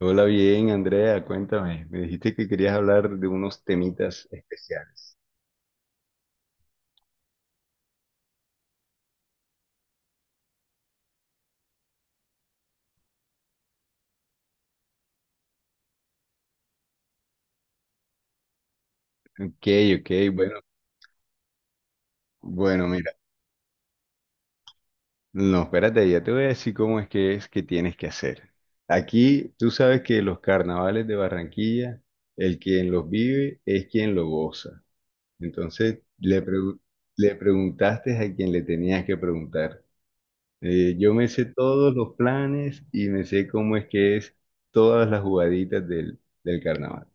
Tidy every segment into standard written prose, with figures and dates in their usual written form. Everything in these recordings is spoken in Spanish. Hola, bien, Andrea, cuéntame. Me dijiste que querías hablar de unos temitas especiales. Ok, ok, bueno, bueno, mira. No, espérate, ya te voy a decir cómo es que tienes que hacer. Aquí tú sabes que los carnavales de Barranquilla, el quien los vive es quien los goza. Entonces, le preguntaste a quien le tenías que preguntar. Yo me sé todos los planes y me sé cómo es que es todas las jugaditas del carnaval.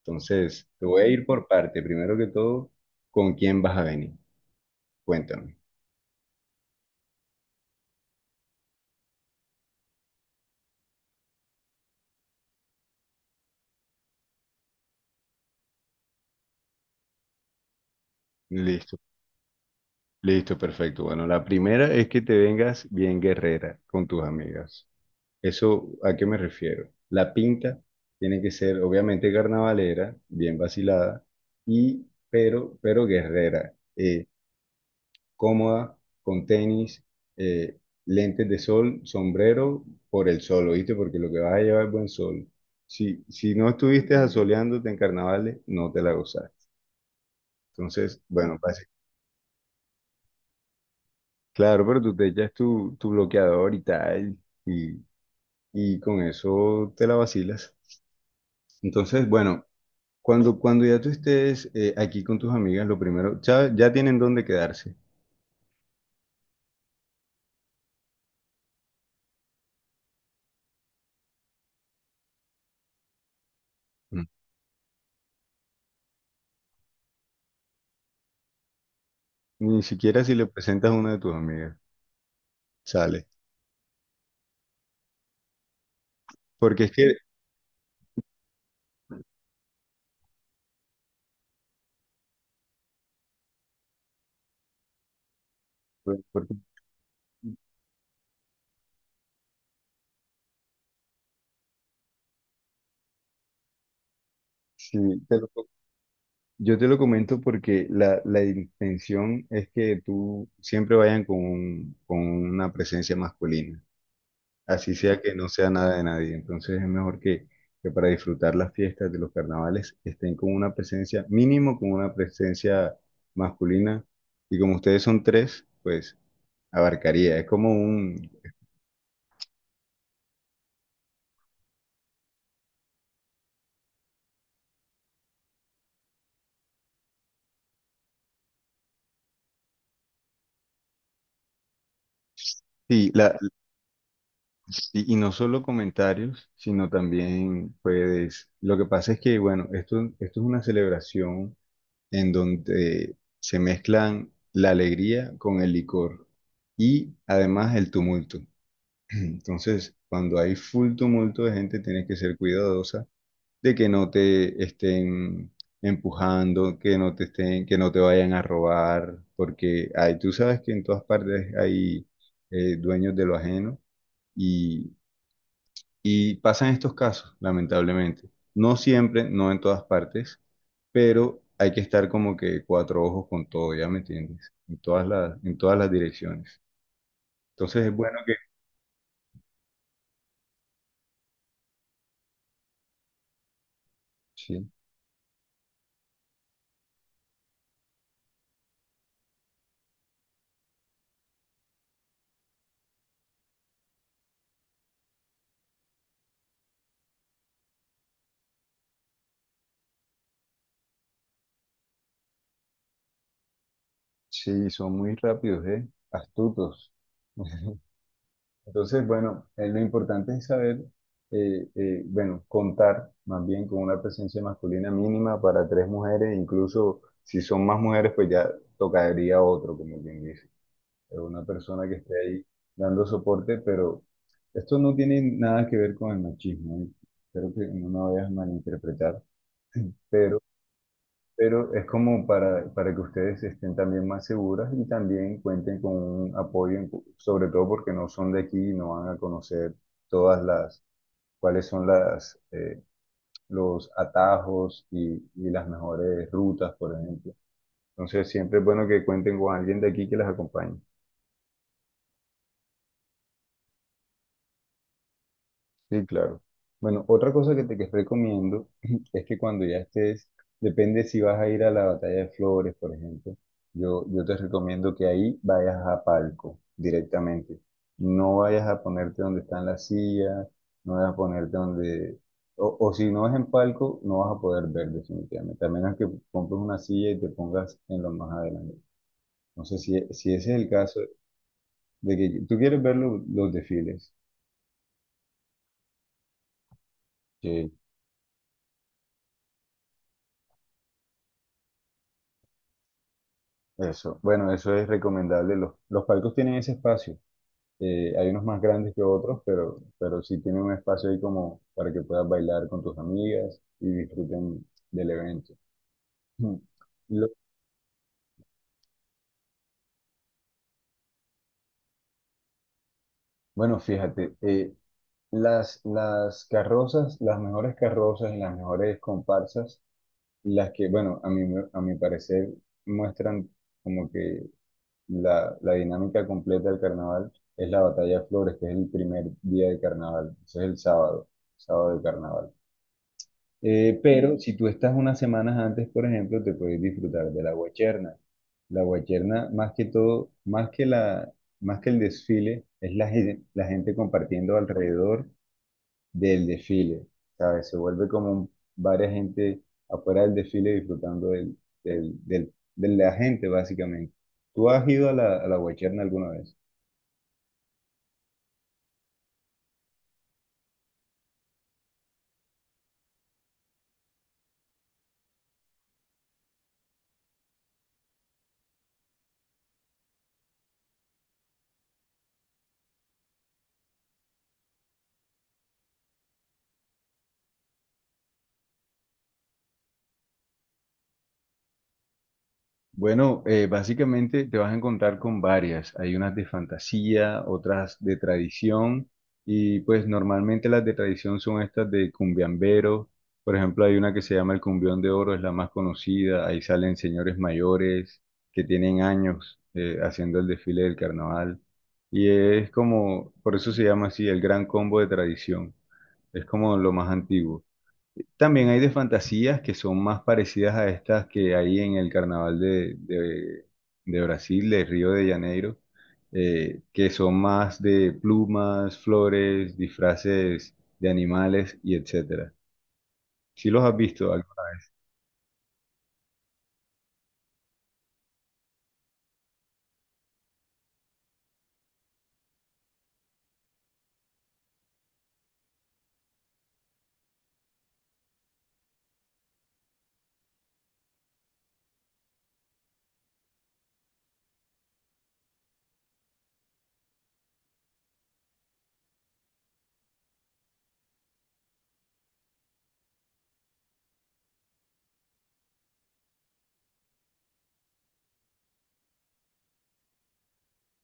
Entonces, te voy a ir por parte. Primero que todo, ¿con quién vas a venir? Cuéntame. Listo, listo, perfecto. Bueno, la primera es que te vengas bien guerrera con tus amigas. ¿Eso a qué me refiero? La pinta tiene que ser obviamente carnavalera, bien vacilada, y pero guerrera. Cómoda, con tenis, eh, lentes de sol, sombrero por el sol, ¿oíste? Porque lo que vas a llevar es buen sol. Si, si no estuviste asoleándote en carnavales, no te la gozaste. Entonces, bueno, claro, pero tú te echas tu bloqueador y tal, y, y con eso te la vacilas. Entonces, bueno, cuando ya tú estés aquí con tus amigas, lo primero, ya, ya tienen dónde quedarse. Mm. Ni siquiera si le presentas a una de tus amigas, sale. Porque es que, sí, te lo co- yo te lo comento porque la intención es que tú siempre vayan con, con una presencia masculina, así sea que no sea nada de nadie. Entonces es mejor que para disfrutar las fiestas de los carnavales estén con una presencia, mínimo con una presencia masculina. Y como ustedes son tres, pues abarcaría. Es como un... Sí, la, y no solo comentarios, sino también, pues, lo que pasa es que, bueno, esto es una celebración en donde se mezclan la alegría con el licor y además el tumulto. Entonces, cuando hay full tumulto de gente, tienes que ser cuidadosa de que no te estén empujando, que no te estén, que no te vayan a robar, porque hay, tú sabes que en todas partes hay dueños de lo ajeno y y pasan estos casos, lamentablemente. No siempre, no en todas partes, pero hay que estar como que cuatro ojos con todo, ¿ya me entiendes? En todas las direcciones. Entonces es bueno que... Sí, sí, son muy rápidos, ¿eh? Astutos. Entonces, bueno, lo importante es saber, bueno, contar más bien con una presencia masculina mínima para tres mujeres, incluso si son más mujeres, pues ya tocaría otro, como quien dice. Una persona que esté ahí dando soporte, pero esto no tiene nada que ver con el machismo, ¿eh? Espero que no me vayas a malinterpretar, pero, pero es como para que ustedes estén también más seguras y también cuenten con un apoyo, sobre todo porque no son de aquí y no van a conocer todas las, cuáles son las, los atajos y las mejores rutas, por ejemplo. Entonces siempre es bueno que cuenten con alguien de aquí que las acompañe. Sí, claro. Bueno, otra cosa que te que recomiendo es que cuando ya estés, depende si vas a ir a la Batalla de Flores, por ejemplo, yo te recomiendo que ahí vayas a palco directamente. No vayas a ponerte donde están las sillas, no vayas a ponerte donde... O, o si no es en palco, no vas a poder ver definitivamente, a menos que compres una silla y te pongas en lo más adelante. No sé si, si ese es el caso de que tú quieres ver los desfiles. Eso, bueno, eso es recomendable. Los palcos tienen ese espacio. Hay unos más grandes que otros, pero sí tienen un espacio ahí como para que puedas bailar con tus amigas y disfruten del evento. Mm. Lo- bueno, fíjate, las carrozas, las mejores carrozas y las mejores comparsas, las que, bueno, a mi parecer muestran como que la dinámica completa del carnaval es la batalla de flores, que es el primer día de carnaval, ese es el sábado, sábado de carnaval. Pero si tú estás unas semanas antes, por ejemplo, te puedes disfrutar de la guacherna. La guacherna, más que todo, más que la, más que el desfile, es la, la gente compartiendo alrededor del desfile, ¿sabes? Se vuelve como varias gente afuera del desfile disfrutando del, de la gente, básicamente. ¿Tú has ido a la Guacherna alguna vez? Bueno, básicamente te vas a encontrar con varias. Hay unas de fantasía, otras de tradición y pues normalmente las de tradición son estas de cumbiambero. Por ejemplo, hay una que se llama el Cumbión de Oro, es la más conocida. Ahí salen señores mayores que tienen años haciendo el desfile del carnaval. Y es como, por eso se llama así, el gran combo de tradición. Es como lo más antiguo. También hay de fantasías que son más parecidas a estas que hay en el carnaval de, de Brasil, de Río de Janeiro, que son más de plumas, flores, disfraces de animales y etcétera. ¿Sí los has visto? ¿Algo?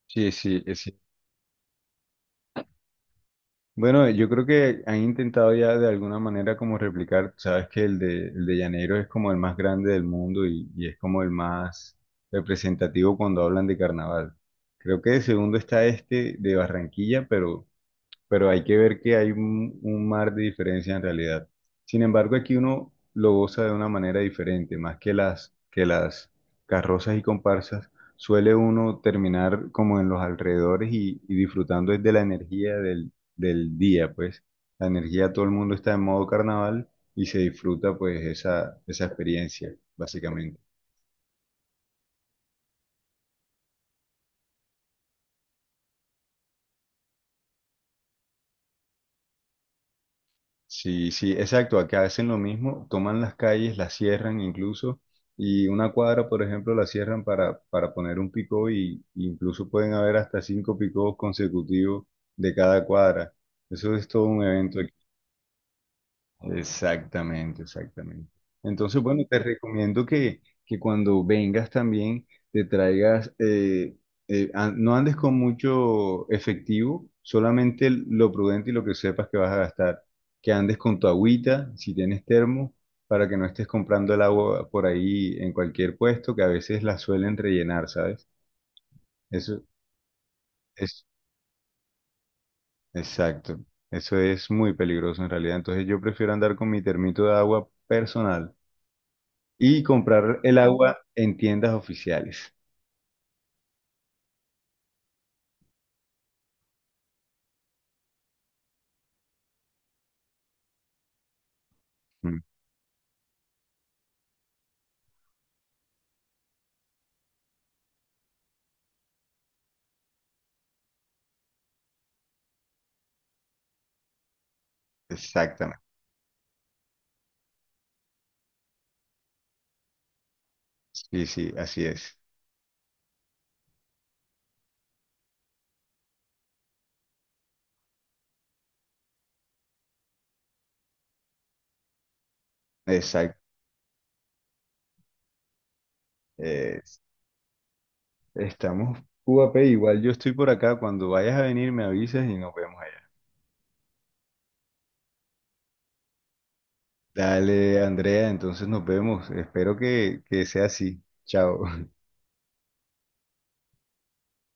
Sí, sí, sí, bueno, yo creo que han intentado ya de alguna manera como replicar, sabes que el de Llaneros es como el más grande del mundo y es como el más representativo cuando hablan de carnaval. Creo que de segundo está este de Barranquilla, pero hay que ver que hay un mar de diferencia en realidad. Sin embargo, aquí uno lo goza de una manera diferente, más que las carrozas y comparsas, suele uno terminar como en los alrededores y disfrutando es de la energía del, del día, pues la energía, todo el mundo está en modo carnaval y se disfruta pues esa experiencia, básicamente. Sí, sí, exacto. Acá hacen lo mismo, toman las calles, las cierran incluso, y una cuadra, por ejemplo, la cierran para poner un picó y incluso pueden haber hasta cinco picos consecutivos de cada cuadra. Eso es todo un evento. Exactamente, exactamente. Entonces, bueno, te recomiendo que cuando vengas también te traigas, no andes con mucho efectivo, solamente lo prudente y lo que sepas que vas a gastar. Que andes con tu agüita, si tienes termo, para que no estés comprando el agua por ahí en cualquier puesto, que a veces la suelen rellenar, ¿sabes? Eso es, exacto. Eso es muy peligroso en realidad. Entonces yo prefiero andar con mi termito de agua personal. Y comprar el agua en tiendas oficiales. Mm. Exactamente. Sí, sí, así es. Exacto. Es- estamos Cubape, igual yo estoy por acá. Cuando vayas a venir me avisas y nos vemos allá. Dale, Andrea, entonces nos vemos. Espero que sea así. Chao.